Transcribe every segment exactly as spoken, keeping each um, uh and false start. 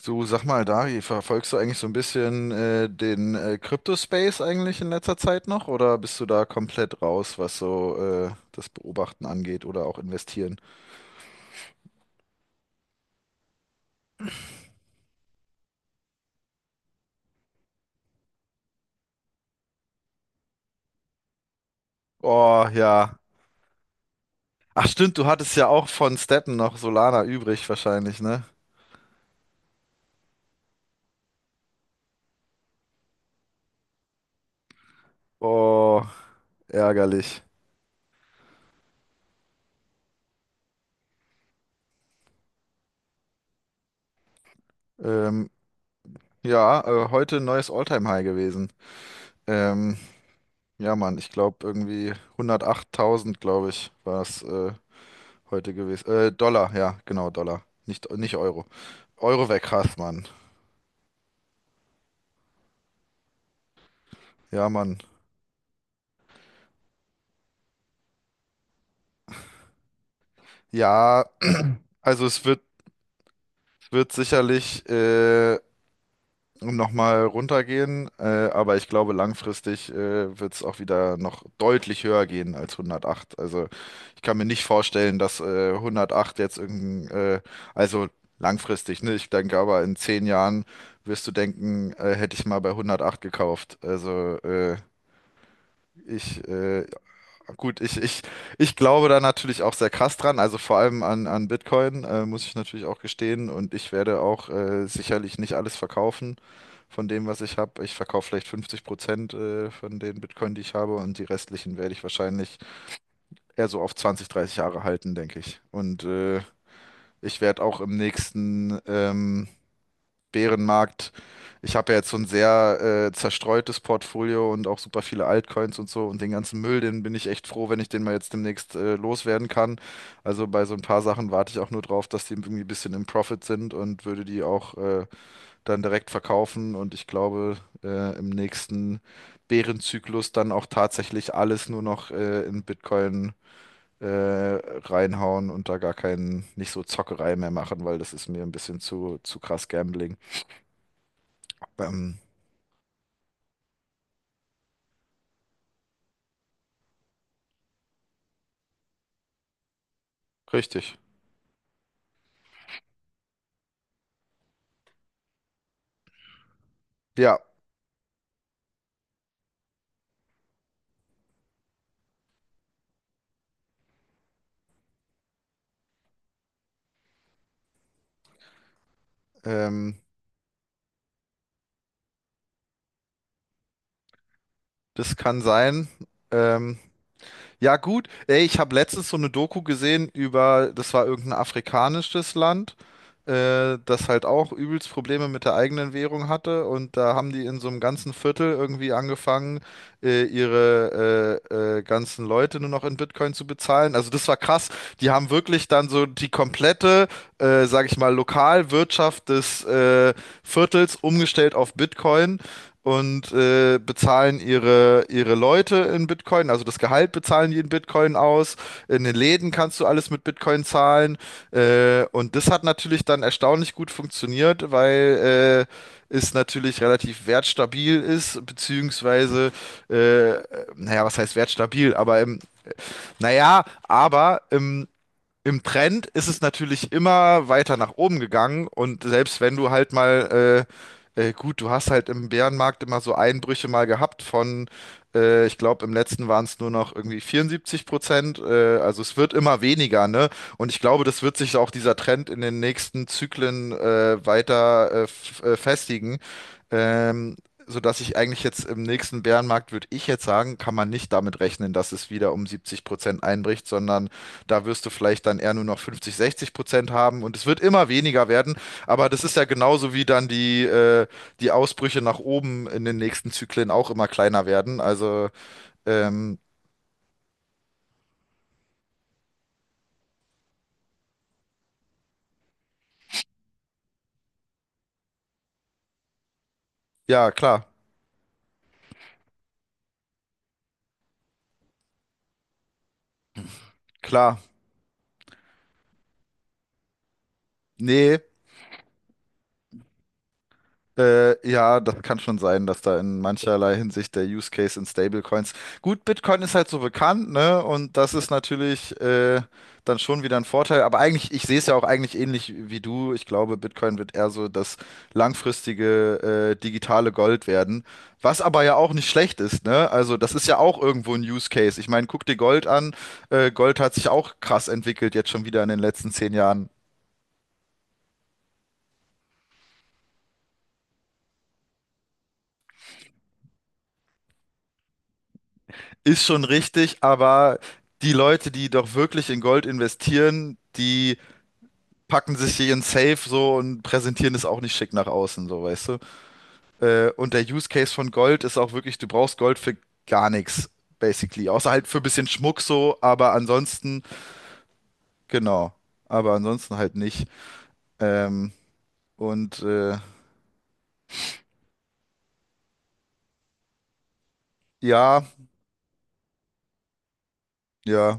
So, sag mal, Dari, verfolgst du eigentlich so ein bisschen äh, den äh, Crypto-Space eigentlich in letzter Zeit noch oder bist du da komplett raus, was so äh, das Beobachten angeht oder auch investieren? Oh, ja. Ach stimmt, du hattest ja auch von Steppen noch Solana übrig wahrscheinlich, ne? Oh, ärgerlich. Ähm, ja, äh, heute ein neues All-Time-High gewesen. Ähm, ja, Mann, ich glaube irgendwie hundertachttausend, glaube ich, war es äh, heute gewesen. Äh, Dollar, ja, genau, Dollar. Nicht, nicht Euro. Euro weg hast, Mann. Ja, Mann. Ja, also es wird, wird sicherlich äh, nochmal runtergehen, äh, aber ich glaube, langfristig äh, wird es auch wieder noch deutlich höher gehen als hundertacht. Also ich kann mir nicht vorstellen, dass äh, hundertacht jetzt irgendein, äh, also langfristig, ne? Ich denke aber in zehn Jahren wirst du denken, äh, hätte ich mal bei hundertacht gekauft. Also äh, ich, äh, Gut, ich, ich, ich glaube da natürlich auch sehr krass dran, also vor allem an, an Bitcoin, äh, muss ich natürlich auch gestehen. Und ich werde auch äh, sicherlich nicht alles verkaufen von dem, was ich habe. Ich verkaufe vielleicht fünfzig Prozent äh, von den Bitcoin, die ich habe, und die restlichen werde ich wahrscheinlich eher so auf zwanzig dreißig Jahre halten, denke ich. Und äh, ich werde auch im nächsten, ähm, Bärenmarkt. Ich habe ja jetzt so ein sehr äh, zerstreutes Portfolio und auch super viele Altcoins und so und den ganzen Müll, den bin ich echt froh, wenn ich den mal jetzt demnächst äh, loswerden kann. Also bei so ein paar Sachen warte ich auch nur drauf, dass die irgendwie ein bisschen im Profit sind und würde die auch äh, dann direkt verkaufen und ich glaube äh, im nächsten Bärenzyklus dann auch tatsächlich alles nur noch äh, in Bitcoin äh, reinhauen und da gar keinen, nicht so Zockerei mehr machen, weil das ist mir ein bisschen zu, zu krass Gambling. Ähm, Richtig. Ja, ähm, das kann sein. Ähm, ja, gut. Ey, ich habe letztens so eine Doku gesehen über, das war irgendein afrikanisches Land, äh, das halt auch übelst Probleme mit der eigenen Währung hatte. Und da haben die in so einem ganzen Viertel irgendwie angefangen, äh, ihre äh, äh, ganzen Leute nur noch in Bitcoin zu bezahlen. Also das war krass. Die haben wirklich dann so die komplette, äh, sag ich mal, Lokalwirtschaft des äh, Viertels umgestellt auf Bitcoin und äh, bezahlen ihre, ihre Leute in Bitcoin, also das Gehalt bezahlen die in Bitcoin aus. In den Läden kannst du alles mit Bitcoin zahlen. Äh, und das hat natürlich dann erstaunlich gut funktioniert, weil äh, es natürlich relativ wertstabil ist, beziehungsweise, äh, naja, was heißt wertstabil? Aber im, naja, aber im im Trend ist es natürlich immer weiter nach oben gegangen und selbst wenn du halt mal, äh, äh, gut, du hast halt im Bärenmarkt immer so Einbrüche mal gehabt von, äh, ich glaube, im letzten waren es nur noch irgendwie vierundsiebzig Prozent, äh, also es wird immer weniger, ne? Und ich glaube, das wird sich auch dieser Trend in den nächsten Zyklen äh, weiter äh, f- äh, festigen. Ähm, sodass ich eigentlich jetzt im nächsten Bärenmarkt, würde ich jetzt sagen, kann man nicht damit rechnen, dass es wieder um siebzig Prozent einbricht, sondern da wirst du vielleicht dann eher nur noch fünfzig, sechzig Prozent haben und es wird immer weniger werden. Aber das ist ja genauso wie dann die, äh, die Ausbrüche nach oben in den nächsten Zyklen auch immer kleiner werden. Also, ähm, ja, klar, klar. Nee, Äh, ja, das kann schon sein, dass da in mancherlei Hinsicht der Use Case in Stablecoins. Gut, Bitcoin ist halt so bekannt, ne? Und das ist natürlich äh, dann schon wieder ein Vorteil. Aber eigentlich, ich sehe es ja auch eigentlich ähnlich wie du. Ich glaube, Bitcoin wird eher so das langfristige äh, digitale Gold werden. Was aber ja auch nicht schlecht ist, ne? Also, das ist ja auch irgendwo ein Use Case. Ich meine, guck dir Gold an. Äh, Gold hat sich auch krass entwickelt, jetzt schon wieder in den letzten zehn Jahren. Ist schon richtig, aber die Leute, die doch wirklich in Gold investieren, die packen sich hier in Safe so und präsentieren es auch nicht schick nach außen, so weißt du. Äh, und der Use Case von Gold ist auch wirklich, du brauchst Gold für gar nichts, basically. Außer halt für ein bisschen Schmuck so, aber ansonsten, genau. Aber ansonsten halt nicht. Ähm, und äh, ja, ja,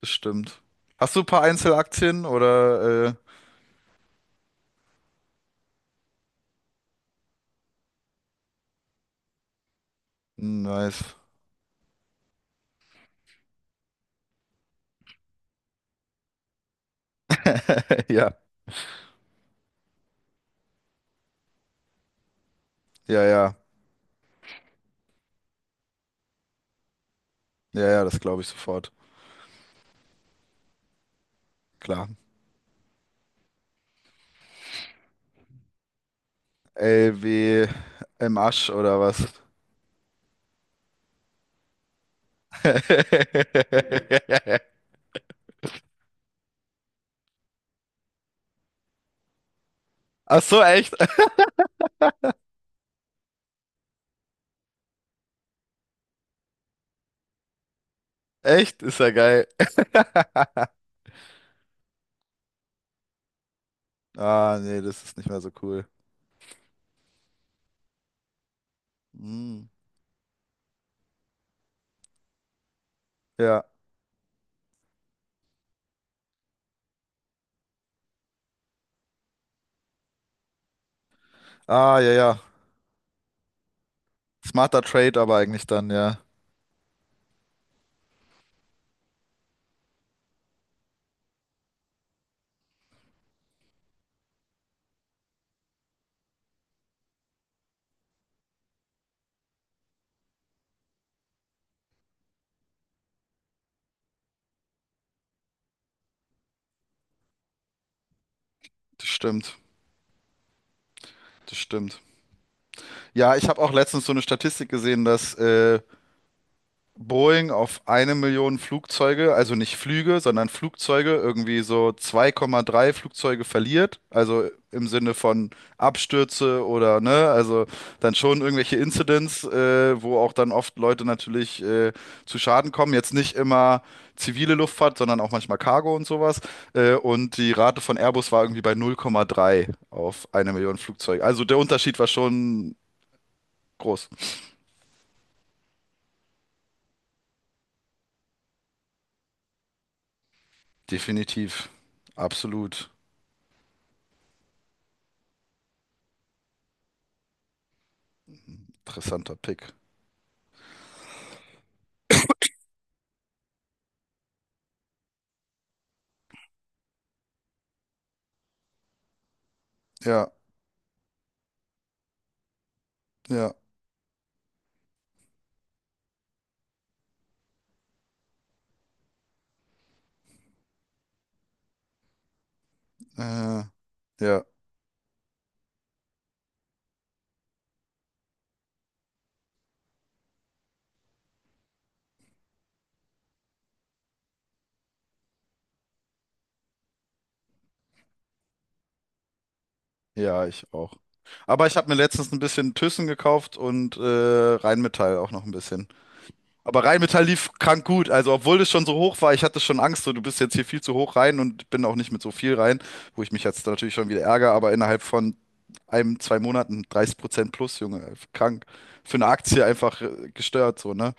das stimmt. Hast du ein paar Einzelaktien oder äh, nice. Ja, ja, ja. Ja, ja, das glaube ich sofort. Klar. L wie im Asch oder was? Ach so, echt? Echt? Ist ja geil. Ah, nee, das ist nicht mehr so cool. Hm, ja. Ah, ja, ja. Smarter Trade aber eigentlich dann, ja. Das stimmt. Das stimmt. Ja, ich habe auch letztens so eine Statistik gesehen, dass äh, Boeing auf eine Million Flugzeuge, also nicht Flüge, sondern Flugzeuge, irgendwie so zwei Komma drei Flugzeuge verliert, also im Sinne von Abstürze oder ne, also dann schon irgendwelche Incidents, äh, wo auch dann oft Leute natürlich äh, zu Schaden kommen. Jetzt nicht immer zivile Luftfahrt, sondern auch manchmal Cargo und sowas. Äh, und die Rate von Airbus war irgendwie bei null Komma drei auf eine Million Flugzeuge. Also der Unterschied war schon groß. Definitiv. Absolut interessanter Pick. Ja, ja, äh, ja, ja, ich auch. Aber ich habe mir letztens ein bisschen Thyssen gekauft und äh, Rheinmetall auch noch ein bisschen. Aber Rheinmetall lief krank gut. Also, obwohl das schon so hoch war, ich hatte schon Angst, so du bist jetzt hier viel zu hoch rein und bin auch nicht mit so viel rein, wo ich mich jetzt natürlich schon wieder ärgere, aber innerhalb von einem, zwei Monaten dreißig Prozent plus, Junge, krank. Für eine Aktie einfach äh, gestört, so, ne?